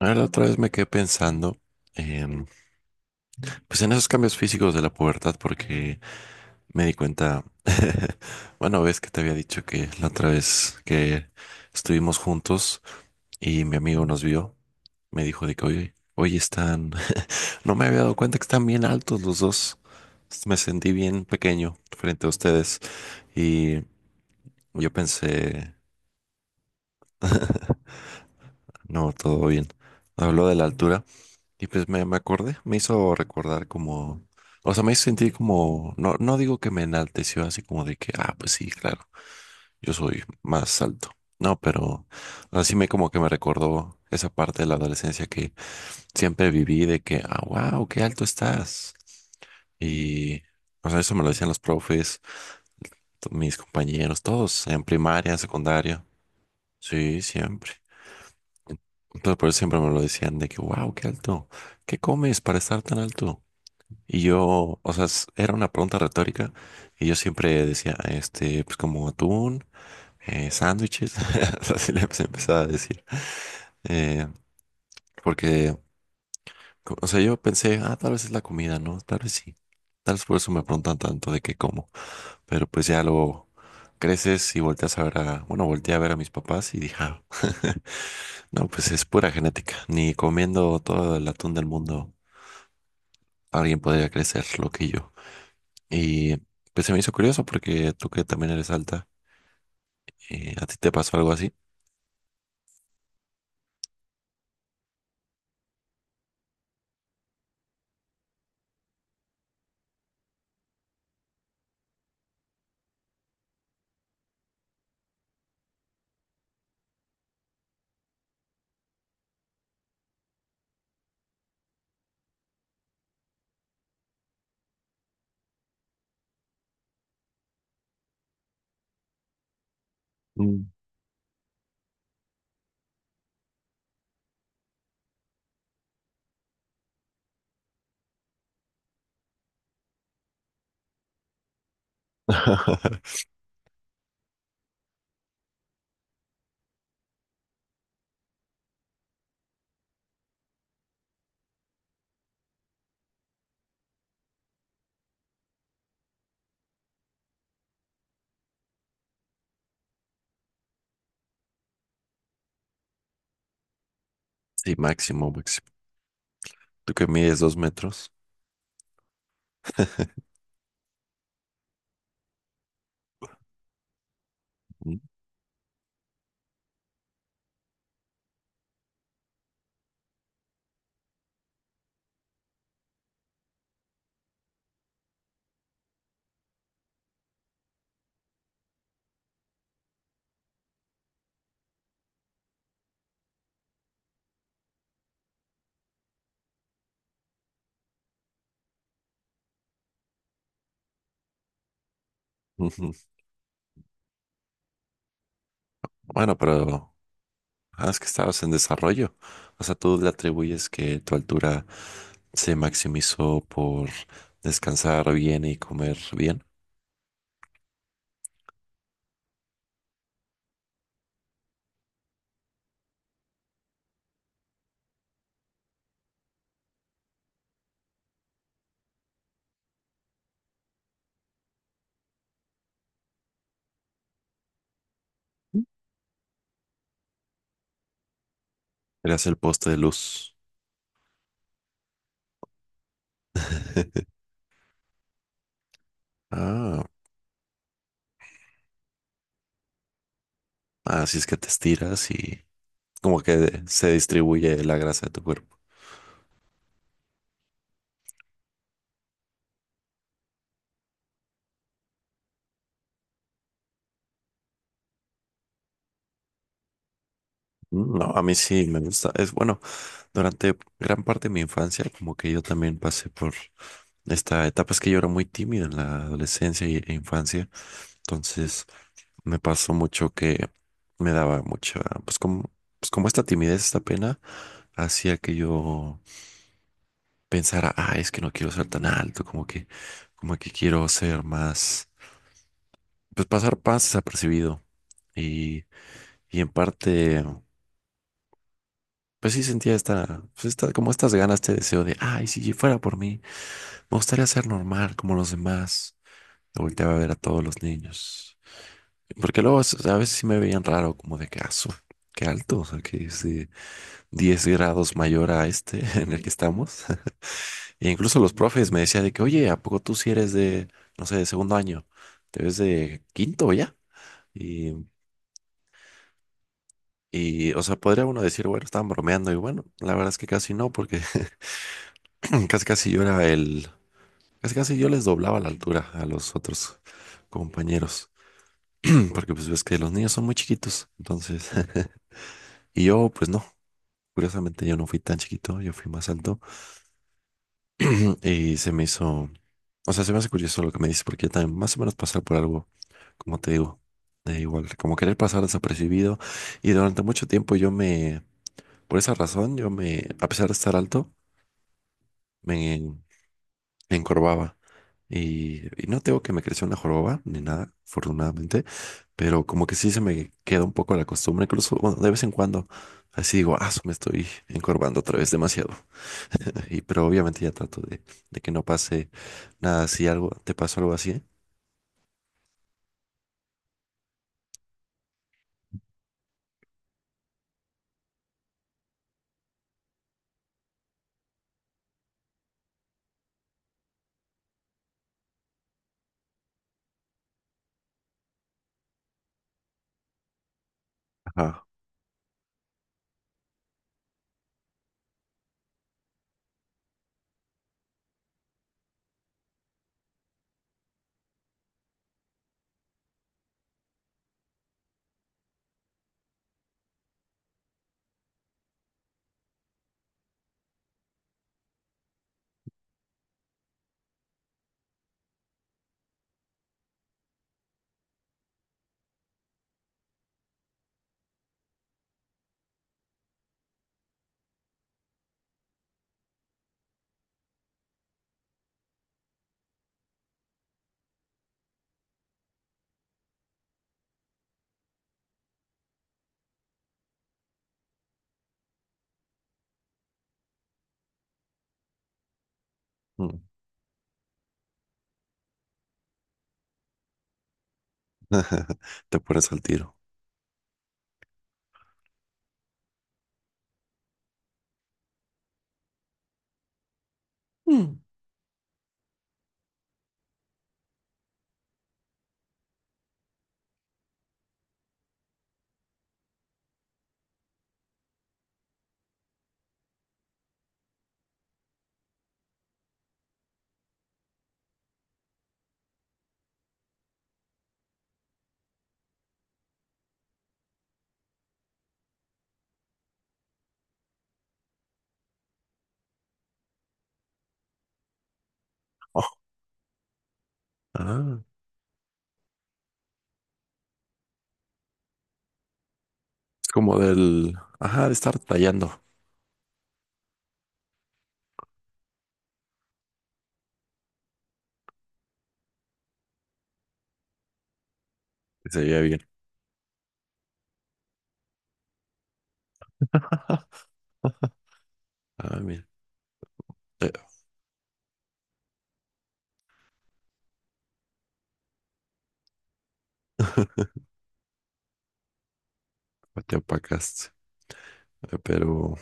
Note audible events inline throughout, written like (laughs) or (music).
Ah, la otra vez me quedé pensando, em, pues en esos cambios físicos de la pubertad, porque me di cuenta, (laughs) bueno, ves que te había dicho que la otra vez que estuvimos juntos y mi amigo nos vio, me dijo de que, oye, hoy están, (laughs) no me había dado cuenta que están bien altos los dos, me sentí bien pequeño frente a ustedes y yo pensé, no, todo bien. Habló de la altura. Y pues me acordé, me hizo recordar como, o sea, me hizo sentir como, no, no digo que me enalteció así como de que, ah, pues sí, claro, yo soy más alto. No, pero así me como que me recordó esa parte de la adolescencia que siempre viví de que, ah, wow, qué alto estás. Y, o sea, eso me lo decían los profes, mis compañeros, todos en primaria, en secundaria. Sí, siempre. Entonces, por eso siempre me lo decían de que, wow, qué alto. ¿Qué comes para estar tan alto? Y yo, o sea, era una pregunta retórica y yo siempre decía, este, pues como atún, sándwiches, (laughs) o sea, así le empezaba a decir. Eh, porque, o sea, yo pensé, ah, tal vez es la comida, ¿no? Tal vez sí. Tal vez por eso me preguntan tanto de qué como. Pero pues ya luego creces y volteas a ver a, bueno, volteé a ver a mis papás y dije, "Ah, (laughs) no, pues es pura genética. Ni comiendo todo el atún del mundo, alguien podría crecer lo que yo." Y pues se me hizo curioso porque tú que también eres alta, ¿a ti te pasó algo así? Mm. (laughs) Sí, máximo, máximo. Tú que mides 2 metros. (laughs) Mm, ujú. Bueno, pero ah, es que estabas en desarrollo. O sea, tú le atribuyes que tu altura se maximizó por descansar bien y comer bien. Eras el poste de luz. (laughs) Ah. Así es que te estiras y como que se distribuye la grasa de tu cuerpo. Mm. No, a mí sí me gusta. Es bueno, durante gran parte de mi infancia, como que yo también pasé por esta etapa. Es que yo era muy tímido en la adolescencia e infancia. Entonces me pasó mucho que me daba mucha, pues como esta timidez, esta pena, hacía que yo pensara, ah, es que no quiero ser tan alto, como que quiero ser más, pues pasar más desapercibido. Y Y en parte, pues sí sentía esta, pues esta, como estas ganas, este deseo de, ay, si fuera por mí, me gustaría ser normal como los demás. Me volteaba a ver a todos los niños. Porque luego o sea, a veces sí me veían raro, como de que, "Ah, qué alto, o sea, que es de 10 grados mayor a este (laughs) en el que estamos." (laughs) E incluso los profes me decían de que, oye, ¿a poco tú si eres de, no sé, de segundo año? ¿Te ves de quinto ya? Y, y, o sea, podría uno decir, bueno, estaban bromeando y bueno, la verdad es que casi no, porque (clears throat) Casi casi yo era el, casi casi yo les doblaba la altura a los otros compañeros, (clears throat) porque pues ves que los niños son muy chiquitos, entonces, (laughs) y yo pues no, curiosamente yo no fui tan chiquito, yo fui más alto (clears throat) y se me hizo, o sea, se me hace curioso lo que me dices, porque yo también más o menos pasar por algo, como te digo, de igual, como querer pasar desapercibido y durante mucho tiempo yo me, por esa razón, yo me, a pesar de estar alto, me me encorvaba. Y, no tengo que me creció una joroba ni nada, afortunadamente, pero como que sí se me queda un poco la costumbre, incluso, bueno, de vez en cuando, así digo, ah, su, me estoy encorvando otra vez demasiado. (laughs) Y, pero obviamente ya trato de que no pase nada, si algo, te pasó algo así, ¿eh? Ajá, mm, (laughs) te pones al tiro. Mm. Oh, ah, es como del, ajá, de estar tallando, se veía bien. Ah, mira, te, te, apacaste. Pero...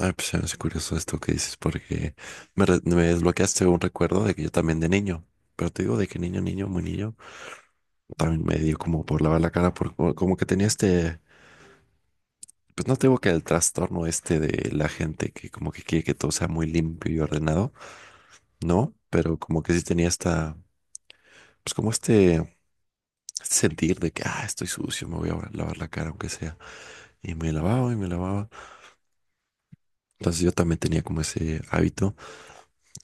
Ah, pues se me hace curioso esto que dices, porque me desbloqueaste un recuerdo de que yo también de niño, pero te digo de que niño, niño, muy niño, también me dio como por lavar la cara, por, como que tenía este, pues no te digo que el trastorno este de la gente que como que quiere que todo sea muy limpio y ordenado, no, pero como que sí tenía esta, pues como este sentir de que, ah, estoy sucio, me voy a lavar la cara aunque sea, y me lavaba, entonces yo también tenía como ese hábito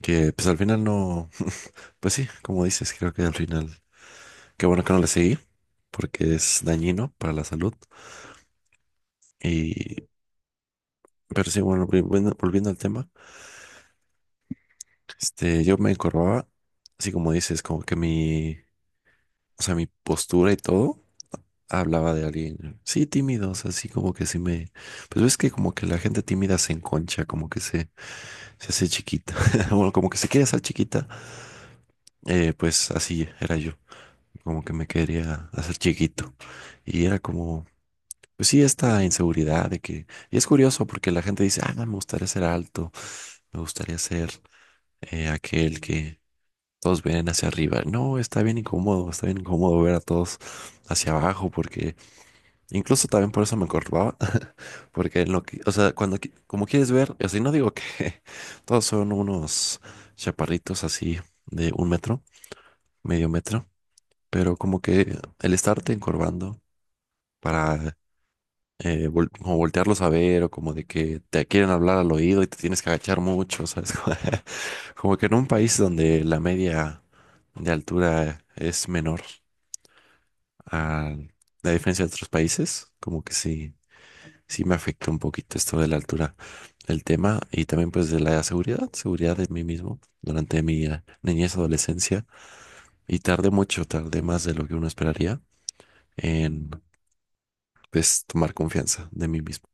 que pues al final no. Pues sí, como dices, creo que al final, qué bueno que no le seguí, porque es dañino para la salud. Y, pero sí, bueno, volviendo al tema, este, yo me encorvaba, así como dices, como que mi, o sea, mi postura y todo hablaba de alguien, sí, tímido, o sea, así como que sí me, pues ves que como que la gente tímida se enconcha, como que se hace chiquita, (laughs) bueno, como que se quiere hacer chiquita, pues así era yo, como que me quería hacer chiquito. Y era como pues sí, esta inseguridad de que... Y es curioso porque la gente dice, ah, no, me gustaría ser alto, me gustaría ser aquel que todos ven hacia arriba. No, está bien incómodo ver a todos hacia abajo porque incluso también por eso me encorvaba, (laughs) porque en lo que, o sea, cuando, como quieres ver, así no digo que (laughs) todos son unos chaparritos así de 1 metro, medio metro, pero como que el estarte encorvando. Para como voltearlos a ver o como de que te quieren hablar al oído y te tienes que agachar mucho, ¿sabes? (laughs) Como que en un país donde la media de altura es menor a la diferencia de otros países, como que sí, sí me afecta un poquito esto de la altura, el tema y también pues de la seguridad, seguridad de mí mismo durante mi niñez, adolescencia y tardé mucho, tardé más de lo que uno esperaría en pues tomar confianza de mí mismo.